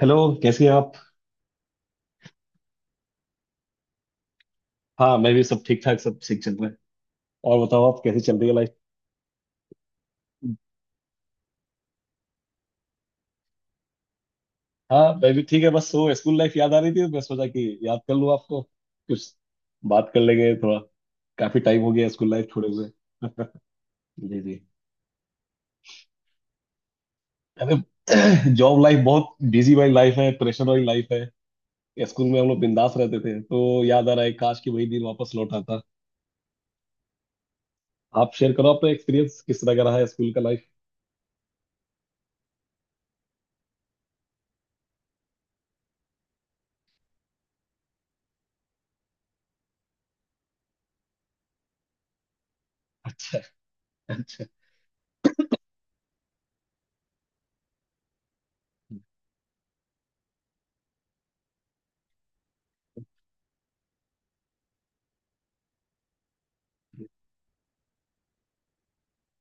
Hello. कैसी हैं आप? हाँ, मैं भी सब ठीक ठाक, सब ठीक चल रहा है। और बताओ, आप कैसी चल रही है लाइफ? हाँ, मैं भी ठीक है। बस वो स्कूल लाइफ याद आ रही थी, तो मैं सोचा कि याद कर लूँ आपको, कुछ बात कर लेंगे थोड़ा। काफी टाइम हो गया स्कूल लाइफ छोड़े हुए। जी जी। अरे जॉब लाइफ बहुत बिजी वाली लाइफ है, प्रेशर वाली लाइफ है। स्कूल में हम लोग बिंदास रहते थे, तो याद आ रहा है काश कि वही दिन वापस लौट आता। आप शेयर करो अपना एक्सपीरियंस किस तरह का रहा है स्कूल का लाइफ। अच्छा अच्छा।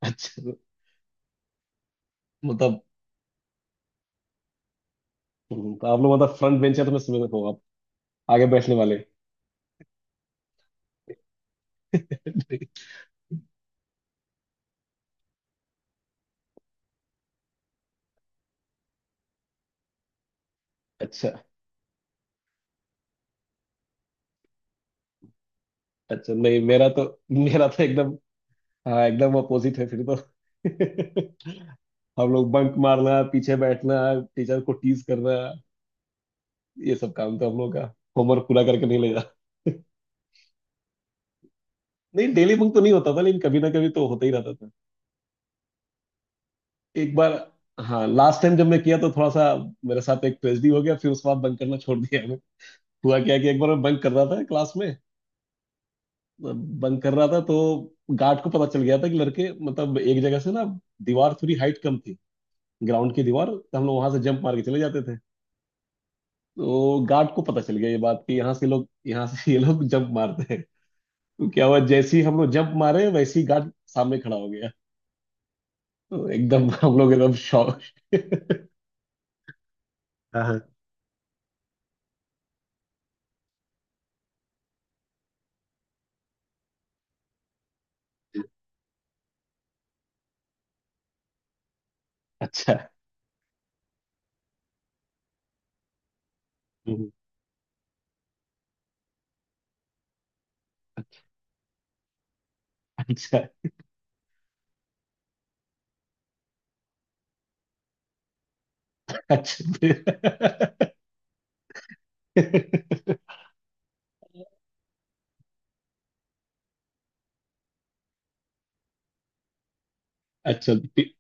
अच्छा, मतलब तो आप लोग मतलब फ्रंट बेंचर, तो मैं समझ रहा हूँ आप आगे बैठने वाले। अच्छा अच्छा। नहीं, मेरा तो एकदम, हाँ एकदम अपोजिट है फिर तो। हम लोग बंक मारना, पीछे बैठना, टीचर को टीज करना, ये सब काम तो हम लोग का। होमवर्क पूरा करके नहीं ले जाना। नहीं, डेली बंक तो नहीं होता था, लेकिन कभी ना कभी तो होता ही रहता था। एक बार, हाँ, लास्ट टाइम जब मैं किया, तो थोड़ा सा मेरे साथ एक ट्रेजेडी हो गया, फिर उसके बाद बंक करना छोड़ दिया मैं। हुआ क्या कि एक बार मैं बंक कर रहा था क्लास में, बंक कर रहा था तो गार्ड को पता चल गया था कि लड़के मतलब एक जगह से ना, दीवार थोड़ी हाइट कम थी, ग्राउंड की दीवार, तो हम लोग वहां से जंप मार के चले जाते थे। तो गार्ड को पता चल गया ये बात कि यहाँ से ये लोग जंप मारते हैं। तो क्या हुआ, जैसे ही हम लोग जंप मारे, वैसे ही गार्ड सामने खड़ा हो गया। तो एकदम हम लोग एकदम शॉक। हाँ हाँ। अच्छा। हम्म, अच्छा अच्छा। फिर- अच्छा, फिर-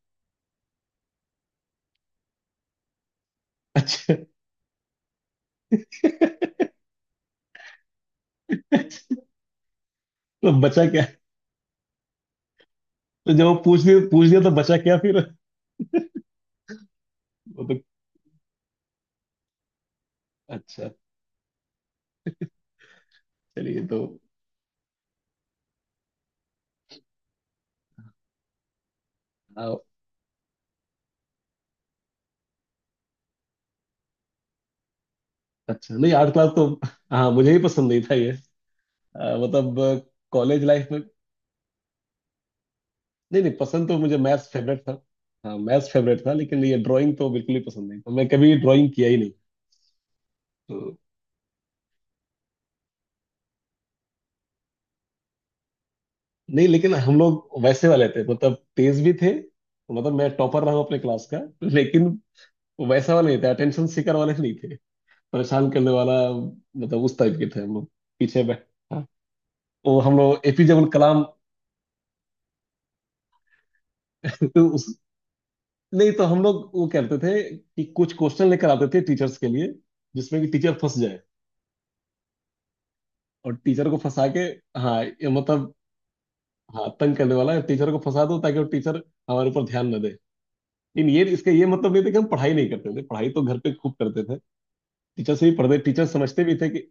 अच्छा, तो बचा क्या? तो जब वो पूछ लिया तो बचा क्या फिर? वो तो- अच्छा। चलिए। तो आ, अच्छा, नहीं आर्ट क्लास तो हाँ मुझे ही पसंद नहीं था ये। मतलब कॉलेज लाइफ में नहीं, नहीं पसंद, तो मुझे मैथ्स फेवरेट था। हाँ मैथ्स फेवरेट था, लेकिन ये ड्राइंग तो बिल्कुल ही पसंद नहीं था, मैं कभी ड्राइंग किया ही नहीं। तो नहीं, लेकिन हम लोग वैसे वाले थे, मतलब तेज भी थे। मतलब मैं टॉपर रहा हूँ अपने क्लास का, लेकिन वैसा वाले नहीं थे, अटेंशन सीकर वाले नहीं थे। परेशान करने वाला, मतलब उस टाइप के थे हम लोग। पीछे बैठ, हाँ, वो हम लोग एपीजे अब्दुल कलाम। उस- नहीं, तो हम लोग वो करते थे कि कुछ क्वेश्चन लेकर आते थे टीचर्स के लिए, जिसमें कि टीचर फंस जाए। और टीचर को फंसा के, हाँ ये मतलब, हाँ तंग करने वाला है, टीचर को फंसा दो ताकि वो टीचर हमारे ऊपर ध्यान न दे। लेकिन ये इसका ये मतलब नहीं था कि हम पढ़ाई नहीं करते थे, पढ़ाई तो घर पे खूब करते थे। टीचर से भी पढ़ते, टीचर समझते भी थे कि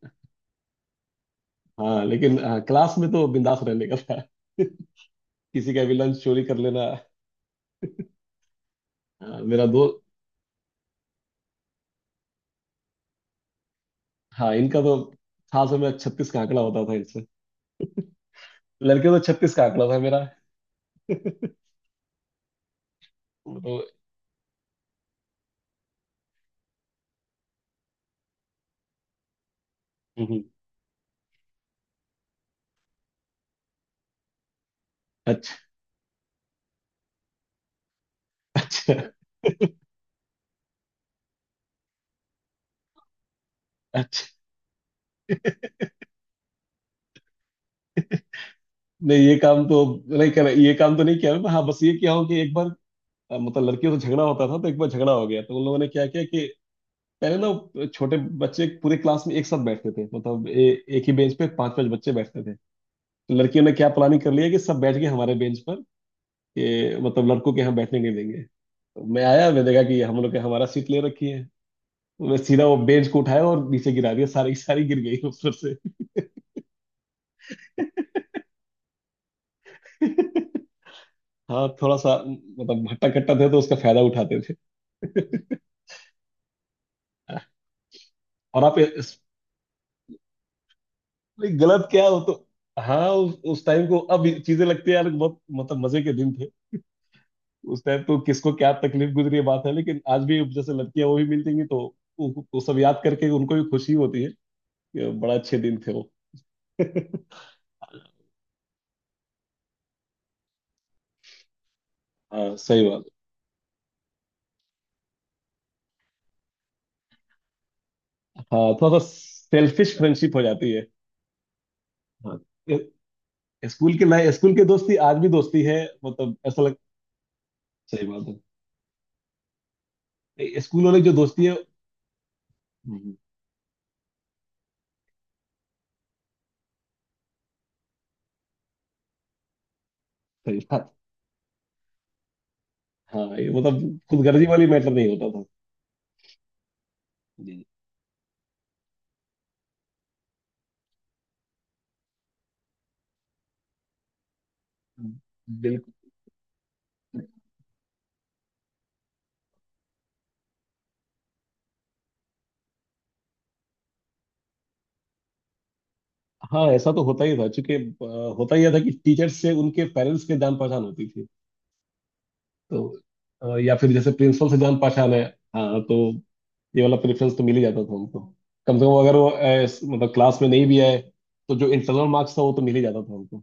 हाँ। लेकिन हाँ, क्लास में तो बिंदास रहने का था। किसी का भी लंच चोरी कर लेना। हाँ, मेरा दो। हाँ, इनका तो खास में छत्तीस का आंकड़ा होता था इनसे। लड़के तो छत्तीस का आंकड़ा था मेरा। तो हम्म। अच्छा अच्छा। अच्छा, नहीं ये काम तो नहीं कर, ये काम तो नहीं किया मैं। हाँ, बस ये किया हूँ कि एक बार मतलब लड़कियों से झगड़ा होता था, तो एक बार झगड़ा हो गया, तो उन लोगों ने क्या किया कि पहले ना छोटे बच्चे पूरे क्लास में एक साथ बैठते थे, मतलब एक ही बेंच पे पांच पांच बच्चे बैठते थे। तो लड़कियों ने क्या प्लानिंग कर लिया कि सब बैठ गए हमारे बेंच पर, कि मतलब लड़कों के यहाँ बैठने नहीं देंगे। तो मैं आया, मैंने देखा कि हम लोग के हमारा सीट ले रखी है। तो मैं सीधा वो बेंच को उठाया और नीचे गिरा दिया, सारी सारी गिर गई ऊपर से। हाँ, थोड़ा सा मतलब भट्टा कट्टा थे, तो उसका फायदा उठाते थे। और आप इस- नहीं, गलत क्या हो तो? हाँ, उस टाइम को, अब ये चीजें लगती है यार, बहुत मतलब मजे के दिन थे। उस टाइम तो किसको क्या तकलीफ गुजरी है बात है, लेकिन आज भी जैसे लड़कियां वो भी मिल जाएंगी तो वो सब याद करके उनको भी खुशी होती है कि बड़ा अच्छे दिन थे वो। हाँ, सही बात है। हाँ, थोड़ा सा सेल्फिश फ्रेंडशिप हो जाती है। हाँ। ए- स्कूल के लाइफ, स्कूल की दोस्ती आज भी दोस्ती है। मतलब ऐसा लग- सही बात है। ए- स्कूल वाली जो दोस्ती है, हम्म, सही बात। हाँ, ये मतलब खुदगर्जी वाली मैटर नहीं होता था। बिल्कुल। हाँ, ऐसा तो होता ही था क्योंकि होता ही था कि टीचर्स से उनके पेरेंट्स के जान पहचान होती थी, तो या फिर जैसे प्रिंसिपल से जान पहचान है, हाँ, तो ये वाला प्रेफरेंस तो मिल ही जाता था हमको। कम से कम अगर वो इस- मतलब क्लास में नहीं भी आए, तो जो इंटरनल मार्क्स था वो तो मिल ही जाता था हमको।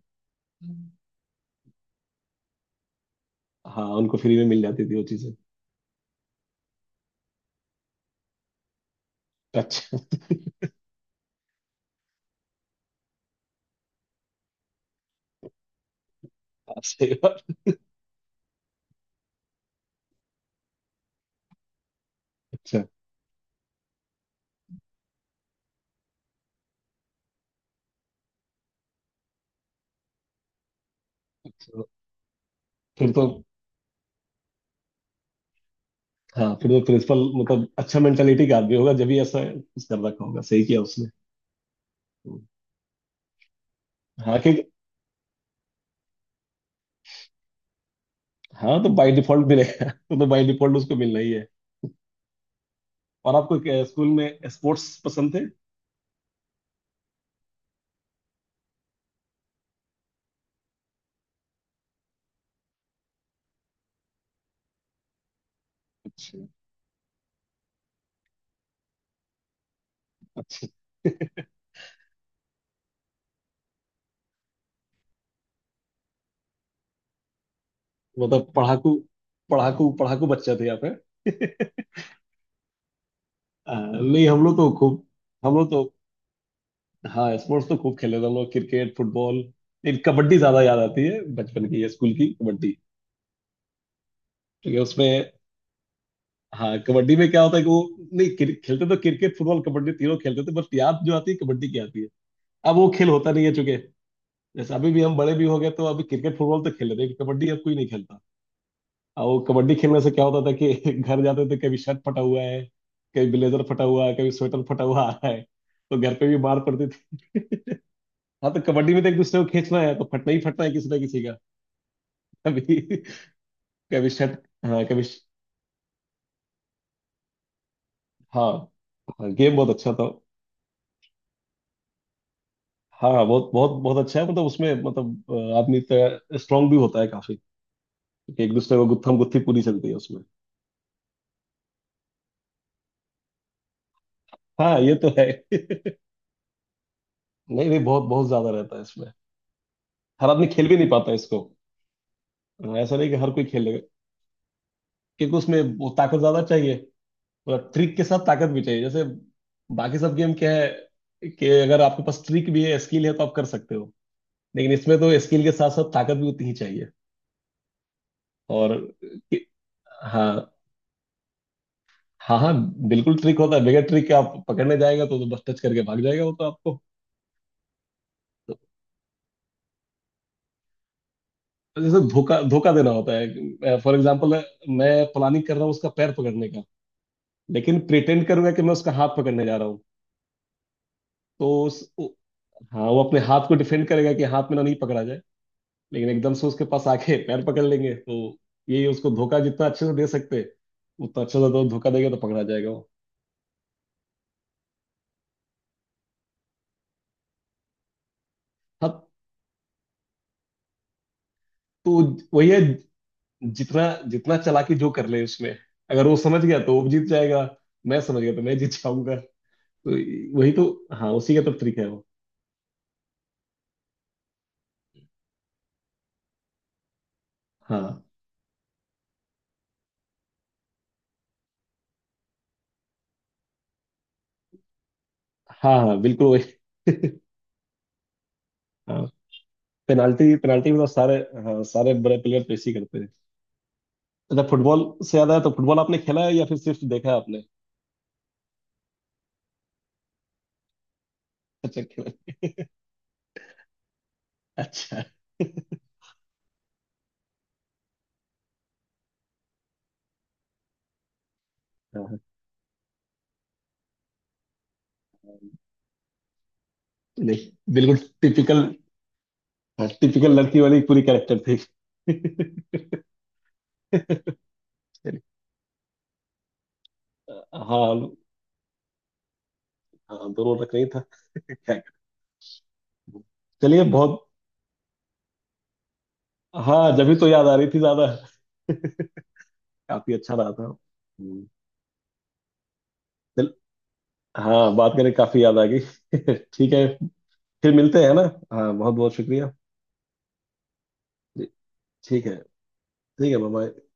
हाँ, उनको फ्री में मिल जाती थी वो चीजें। अच्छा। सही बात। अच्छा अच्छा। फिर तो, हाँ फिर तो प्रिंसिपल मतलब अच्छा मेंटेलिटी का आदमी होगा, जब भी ऐसा कुछ कर रखा होगा, सही किया उसने। हाँ कि हाँ, तो बाय डिफॉल्ट मिलेगा, वो तो बाय डिफॉल्ट उसको मिलना ही है। और आपको क्या स्कूल में स्पोर्ट्स पसंद थे? अच्छा अच्छा। मतलब पढ़ाकू पढ़ाकू पढ़ाकू बच्चा थे आप हैं? नहीं, हम लोग तो खूब, हम लोग तो हाँ स्पोर्ट्स तो खूब खेले थे हम लोग, क्रिकेट फुटबॉल। लेकिन कबड्डी ज्यादा याद आती है, बचपन की या स्कूल की कबड्डी, क्योंकि उसमें हाँ कबड्डी में क्या होता है कि वो नहीं, क्रि- खेलते तो क्रिकेट फुटबॉल कबड्डी तीनों खेलते थे, बस याद जो आती है कबड्डी की आती है। अब वो खेल होता नहीं है, चूंकि जैसे अभी भी हम बड़े भी हो गए तो अभी क्रिकेट फुटबॉल तो खेल रहे हैं, कबड्डी अब कोई नहीं खेलता। और वो कबड्डी खेलने से क्या होता था कि घर जाते थे, कभी शर्ट फटा हुआ है, कभी ब्लेजर फटा हुआ है, कभी स्वेटर फटा हुआ आ रहा है, तो घर पे भी मार पड़ती थी। हाँ, तो कबड्डी में तो एक दूसरे को खींचना है, तो फटना ही फटना है किसी ना किसी का। कभी, कभी शर्ट, हाँ कभी श-, हाँ हाँ गेम बहुत अच्छा था। हाँ हाँ, बहुत बहुत बहुत अच्छा है, मतलब उसमें मतलब आदमी तो स्ट्रांग भी होता है काफी, क्योंकि एक दूसरे को गुत्थम गुत्थी पूरी चलती है उसमें। हाँ, ये तो है। नहीं नहीं, बहुत बहुत ज्यादा रहता है इसमें, हर आदमी खेल भी नहीं पाता इसको। हाँ, ऐसा नहीं कि हर कोई खेल लेगा, क्योंकि उसमें वो ताकत ज्यादा चाहिए, मतलब ट्रिक के साथ ताकत भी चाहिए। जैसे बाकी सब गेम क्या है कि अगर आपके पास ट्रिक भी है, स्किल है, तो आप कर सकते हो, लेकिन इसमें तो स्किल के साथ साथ ताकत भी उतनी ही चाहिए। और कि-, हाँ हाँ हाँ, बिल्कुल ट्रिक होता है, बगैर ट्रिक के आप पकड़ने जाएगा तो बस टच करके भाग जाएगा वो तो आपको। तो जैसे धोखा धोखा देना होता है, फॉर एग्जाम्पल, मैं प्लानिंग कर रहा हूँ उसका पैर पकड़ने का, लेकिन प्रिटेंड करूंगा कि मैं उसका हाथ पकड़ने जा रहा हूँ। तो उस उ-, हाँ वो अपने हाथ को डिफेंड करेगा कि हाथ में ना नहीं पकड़ा जाए, लेकिन एकदम से उसके पास आके पैर पकड़ लेंगे, तो ये उसको धोखा जितना अच्छे से दे सकते, उतना अच्छे से तो धोखा देगा तो पकड़ा जाएगा वो। हाँ, तो वही है, जितना जितना चालाकी जो कर ले उसमें, अगर वो समझ गया तो वो जीत जाएगा, मैं समझ गया तो मैं जीत जाऊंगा, तो वही तो, हाँ उसी का तो ट्रिक है वो। हाँ हाँ हाँ, बिल्कुल वही। हाँ, पेनाल्टी पेनाल्टी में तो सारे, हाँ सारे बड़े प्लेयर तो इसी करते हैं। अच्छा, फुटबॉल से याद आया, तो फुटबॉल आपने खेला है या फिर सिर्फ देखा है आपने? अच्छा, खेला है। अच्छा। हाँ, नहीं बिल्कुल, टिपिकल, हाँ, टिपिकल लड़की वाली पूरी कैरेक्टर थी। चलिए। हाँ हाँ, दोनों रख नहीं था। क्या कर-, चलिए बहुत, हाँ जब भी तो याद आ रही थी ज्यादा, काफी अच्छा रहा था। चल, हाँ बात करके काफी याद आ गई। ठीक है, फिर मिलते हैं ना। हाँ, बहुत बहुत शुक्रिया। जी, ठीक है। ठीक है, बाय।